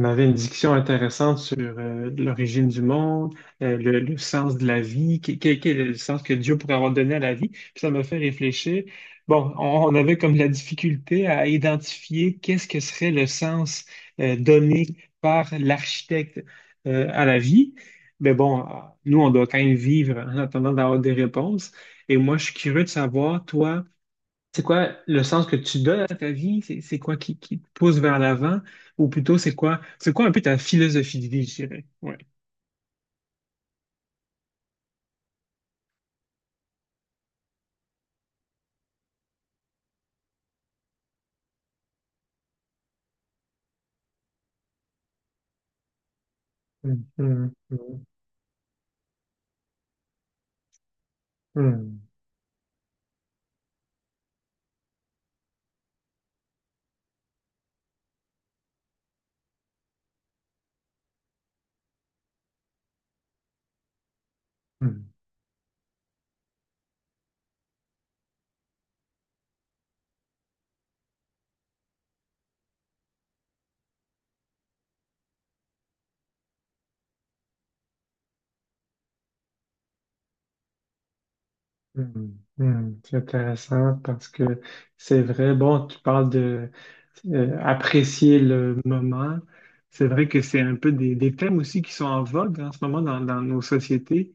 On avait une discussion intéressante sur l'origine du monde, le sens de la vie, quel est le sens que Dieu pourrait avoir donné à la vie. Puis ça m'a fait réfléchir. Bon, on avait comme la difficulté à identifier qu'est-ce que serait le sens donné par l'architecte à la vie. Mais bon, nous, on doit quand même vivre en attendant d'avoir des réponses. Et moi, je suis curieux de savoir, toi, c'est quoi le sens que tu donnes à ta vie? C'est quoi qui te pousse vers l'avant? Ou plutôt, c'est quoi un peu ta philosophie de vie, je dirais? Ouais. Hum, hum, hum, hum, C'est intéressant parce que c'est vrai, bon, tu parles de apprécier le moment. C'est vrai que c'est un peu des thèmes aussi qui sont en vogue en ce moment dans nos sociétés.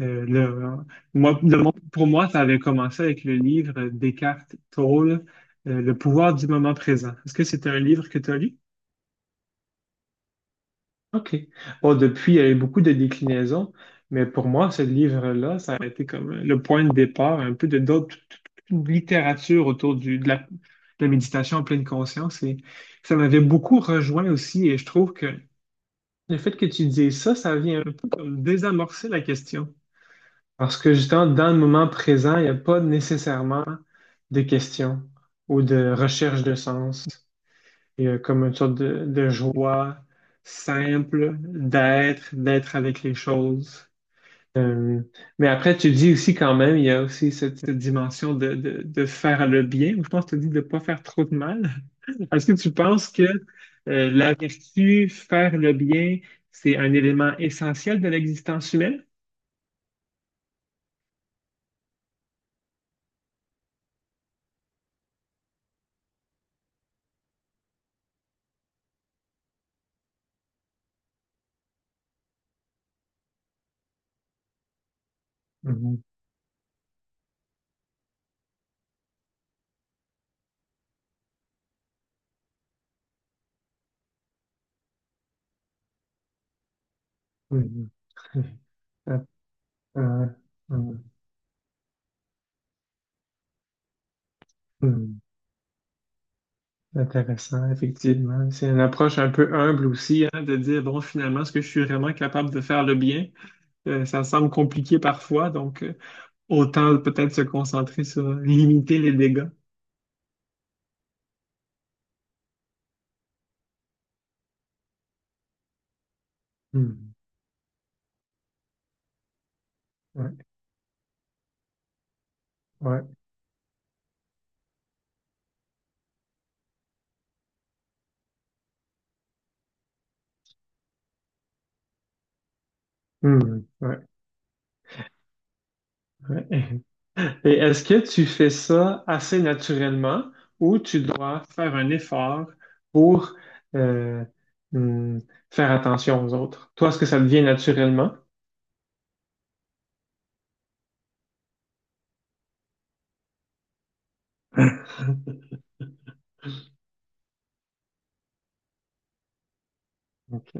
Euh, le- moi, pour moi, ça avait commencé avec le livre Descartes, Toll, Le pouvoir du moment présent. Est-ce que c'est un livre que tu as lu? OK. Bon, depuis, il y a eu beaucoup de déclinaisons, mais pour moi, ce livre-là, ça a été comme le point de départ un peu de d'autres toute une littérature autour de la méditation en pleine conscience. Et ça m'avait beaucoup rejoint aussi, et je trouve que le fait que tu dises ça, ça vient un peu comme désamorcer la question. Parce que justement, dans le moment présent, il n'y a pas nécessairement de questions ou de recherche de sens. Il y a comme une sorte de joie simple d'être, d'être avec les choses. Euh, mais après, tu dis aussi quand même, il y a aussi cette dimension de faire le bien, ou je pense que tu dis de ne pas faire trop de mal. Est-ce que tu penses que la vertu, faire le bien, c'est un élément essentiel de l'existence humaine? Mhm. Mhm. Ouais, ouais, hmm. Intéressant, effectivement. C'est une approche un peu humble aussi, hein, de dire, bon, finalement, est-ce que je suis vraiment capable de faire le bien? Ça semble compliqué parfois, donc autant peut-être se concentrer sur limiter les dégâts. Hmm. Ouais, ouais, hmm, ouais, ouais. Et est-ce que tu fais ça assez naturellement ou tu dois faire un effort pour euh, hmm, faire attention aux autres? Toi, est-ce que ça devient naturellement? Ok.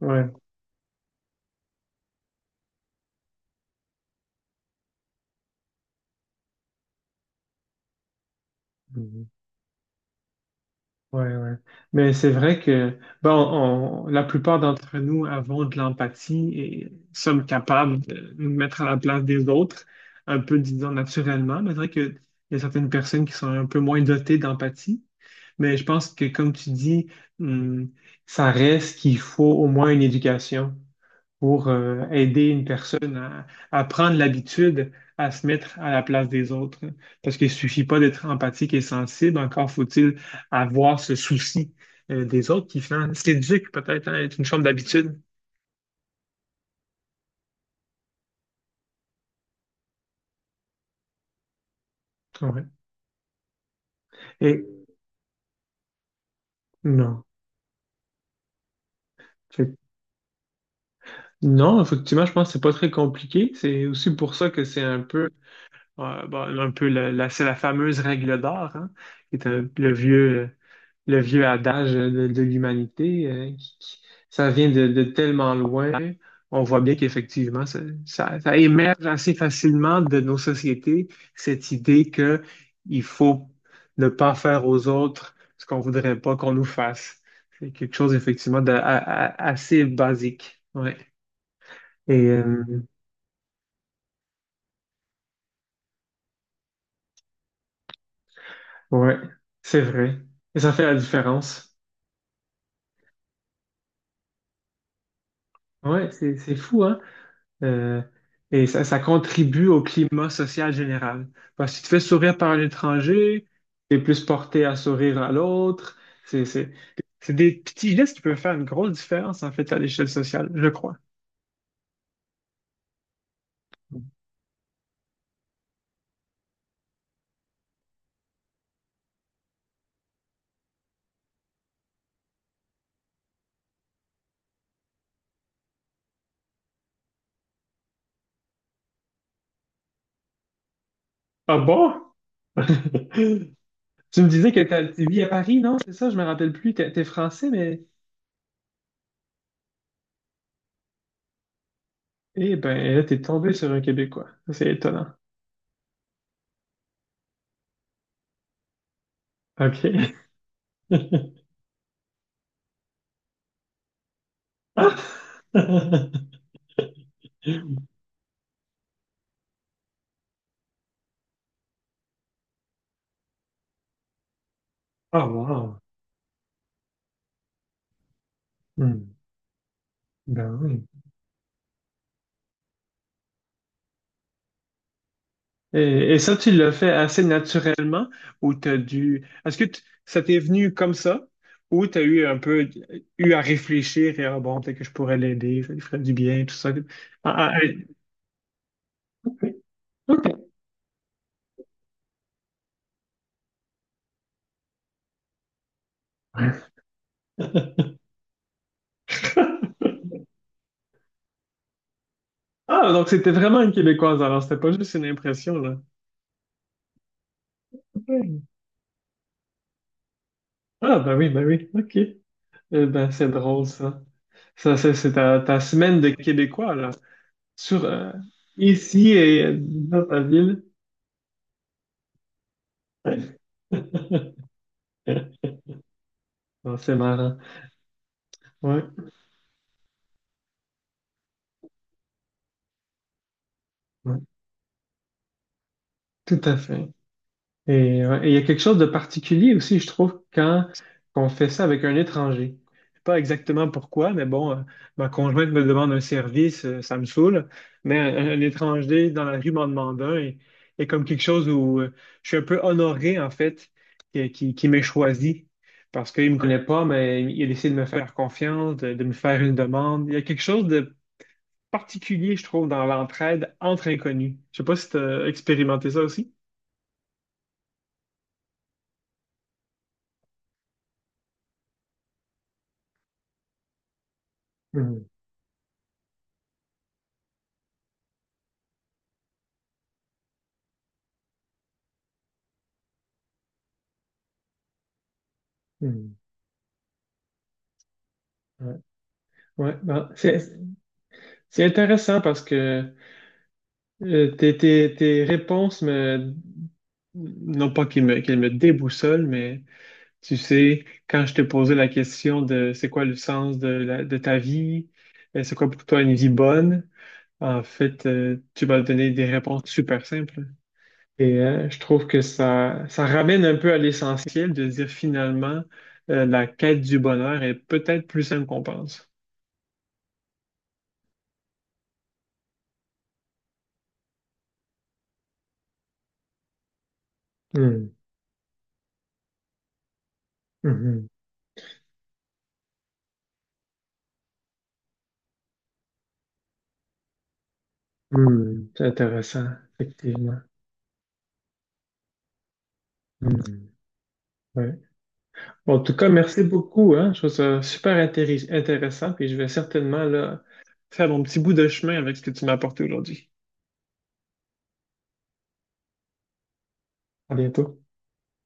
Ouais. Mhm. Ouais, ouais. Mais c'est vrai que bon, la plupart d'entre nous avons de l'empathie et sommes capables de nous mettre à la place des autres, un peu, disons, naturellement. Mais c'est vrai qu'il y a certaines personnes qui sont un peu moins dotées d'empathie. Mais je pense que, comme tu dis, hum, ça reste qu'il faut au moins une éducation pour aider une personne à prendre l'habitude à se mettre à la place des autres. Parce qu'il suffit pas d'être empathique et sensible, encore faut-il avoir ce souci des autres qui finalement s'éduque peut-être à être une forme d'habitude. Ouais. Et non. Fait non, effectivement, je pense que c'est pas très compliqué. C'est aussi pour ça que c'est un peu, bon, un peu c'est la fameuse règle d'or, hein, qui est un- le vieux, euh, le vieux adage de l'humanité, ça vient de tellement loin. On voit bien qu'effectivement, ça, ça émerge assez facilement de nos sociétés, cette idée que il faut ne pas faire aux autres ce qu'on voudrait pas qu'on nous fasse. C'est quelque chose, effectivement, assez basique. Ouais. Et ouais, c'est vrai. Et ça fait la différence. Ouais, c'est fou, hein. Euh, et ça, ça contribue au climat social général. Parce que si tu fais sourire par un étranger, tu es plus porté à sourire à l'autre. C'est, c'est, c'est des petits gestes qui peuvent faire une grosse différence, en fait, à l'échelle sociale, je crois. Ah bon? Tu me disais que tu vis à Paris, non? C'est ça, je me rappelle plus. T'es français, mais... Eh ben, là, t'es tombé sur un Québécois. Ça, c'est étonnant. OK. Ah, wow. Hmm. Ben oui. Et ça, tu l'as fait assez naturellement ou t'as dû... Est-ce que ça t'est venu comme ça ou t'as eu un peu eu à réfléchir et ah bon, peut-être que je pourrais l'aider, ça lui ferait du bien, tout ça. Ah, ah, ah, OK. Ah, donc c'était vraiment une Québécoise alors, c'était pas juste une impression, là. Ah, ben oui, OK. Eh ben, c'est drôle, ça. Ça, c'est ta, ta semaine de Québécois, là. Sur, ici et dans ta ville. Non, c'est marrant. Ouais, ouais, tout à fait. Et ouais, et il y a quelque chose de particulier aussi, je trouve, quand on fait ça avec un étranger. Je sais pas exactement pourquoi, mais bon, ma conjointe me demande un service, ça me saoule, mais un étranger dans la rue m'en demande un et comme quelque chose où je suis un peu honoré, en fait, qui m'ait choisi parce qu'il me connaît pas, mais il a décidé de me faire confiance, de me faire une demande. Il y a quelque chose de particulier, je trouve, dans l'entraide entre inconnus. Je sais pas si tu as expérimenté ça aussi. Mhm, mhm. Ouais. Ouais, ben, c'est intéressant parce que tes réponses non pas qu'elles qu'elles me déboussolent, mais tu sais, quand je t'ai posé la question de c'est quoi le sens de ta vie, c'est quoi pour toi une vie bonne, en fait, tu m'as donné des réponses super simples. Et je trouve que ça ramène un peu à l'essentiel de dire finalement, la quête du bonheur est peut-être plus simple qu'on pense. Hmm. Hmm, c'est intéressant, effectivement. Hmm, ouais. Bon, en tout cas, merci beaucoup, hein. Je trouve ça super intéressant, puis je vais certainement là, faire mon petit bout de chemin avec ce que tu m'as apporté aujourd'hui. À bientôt.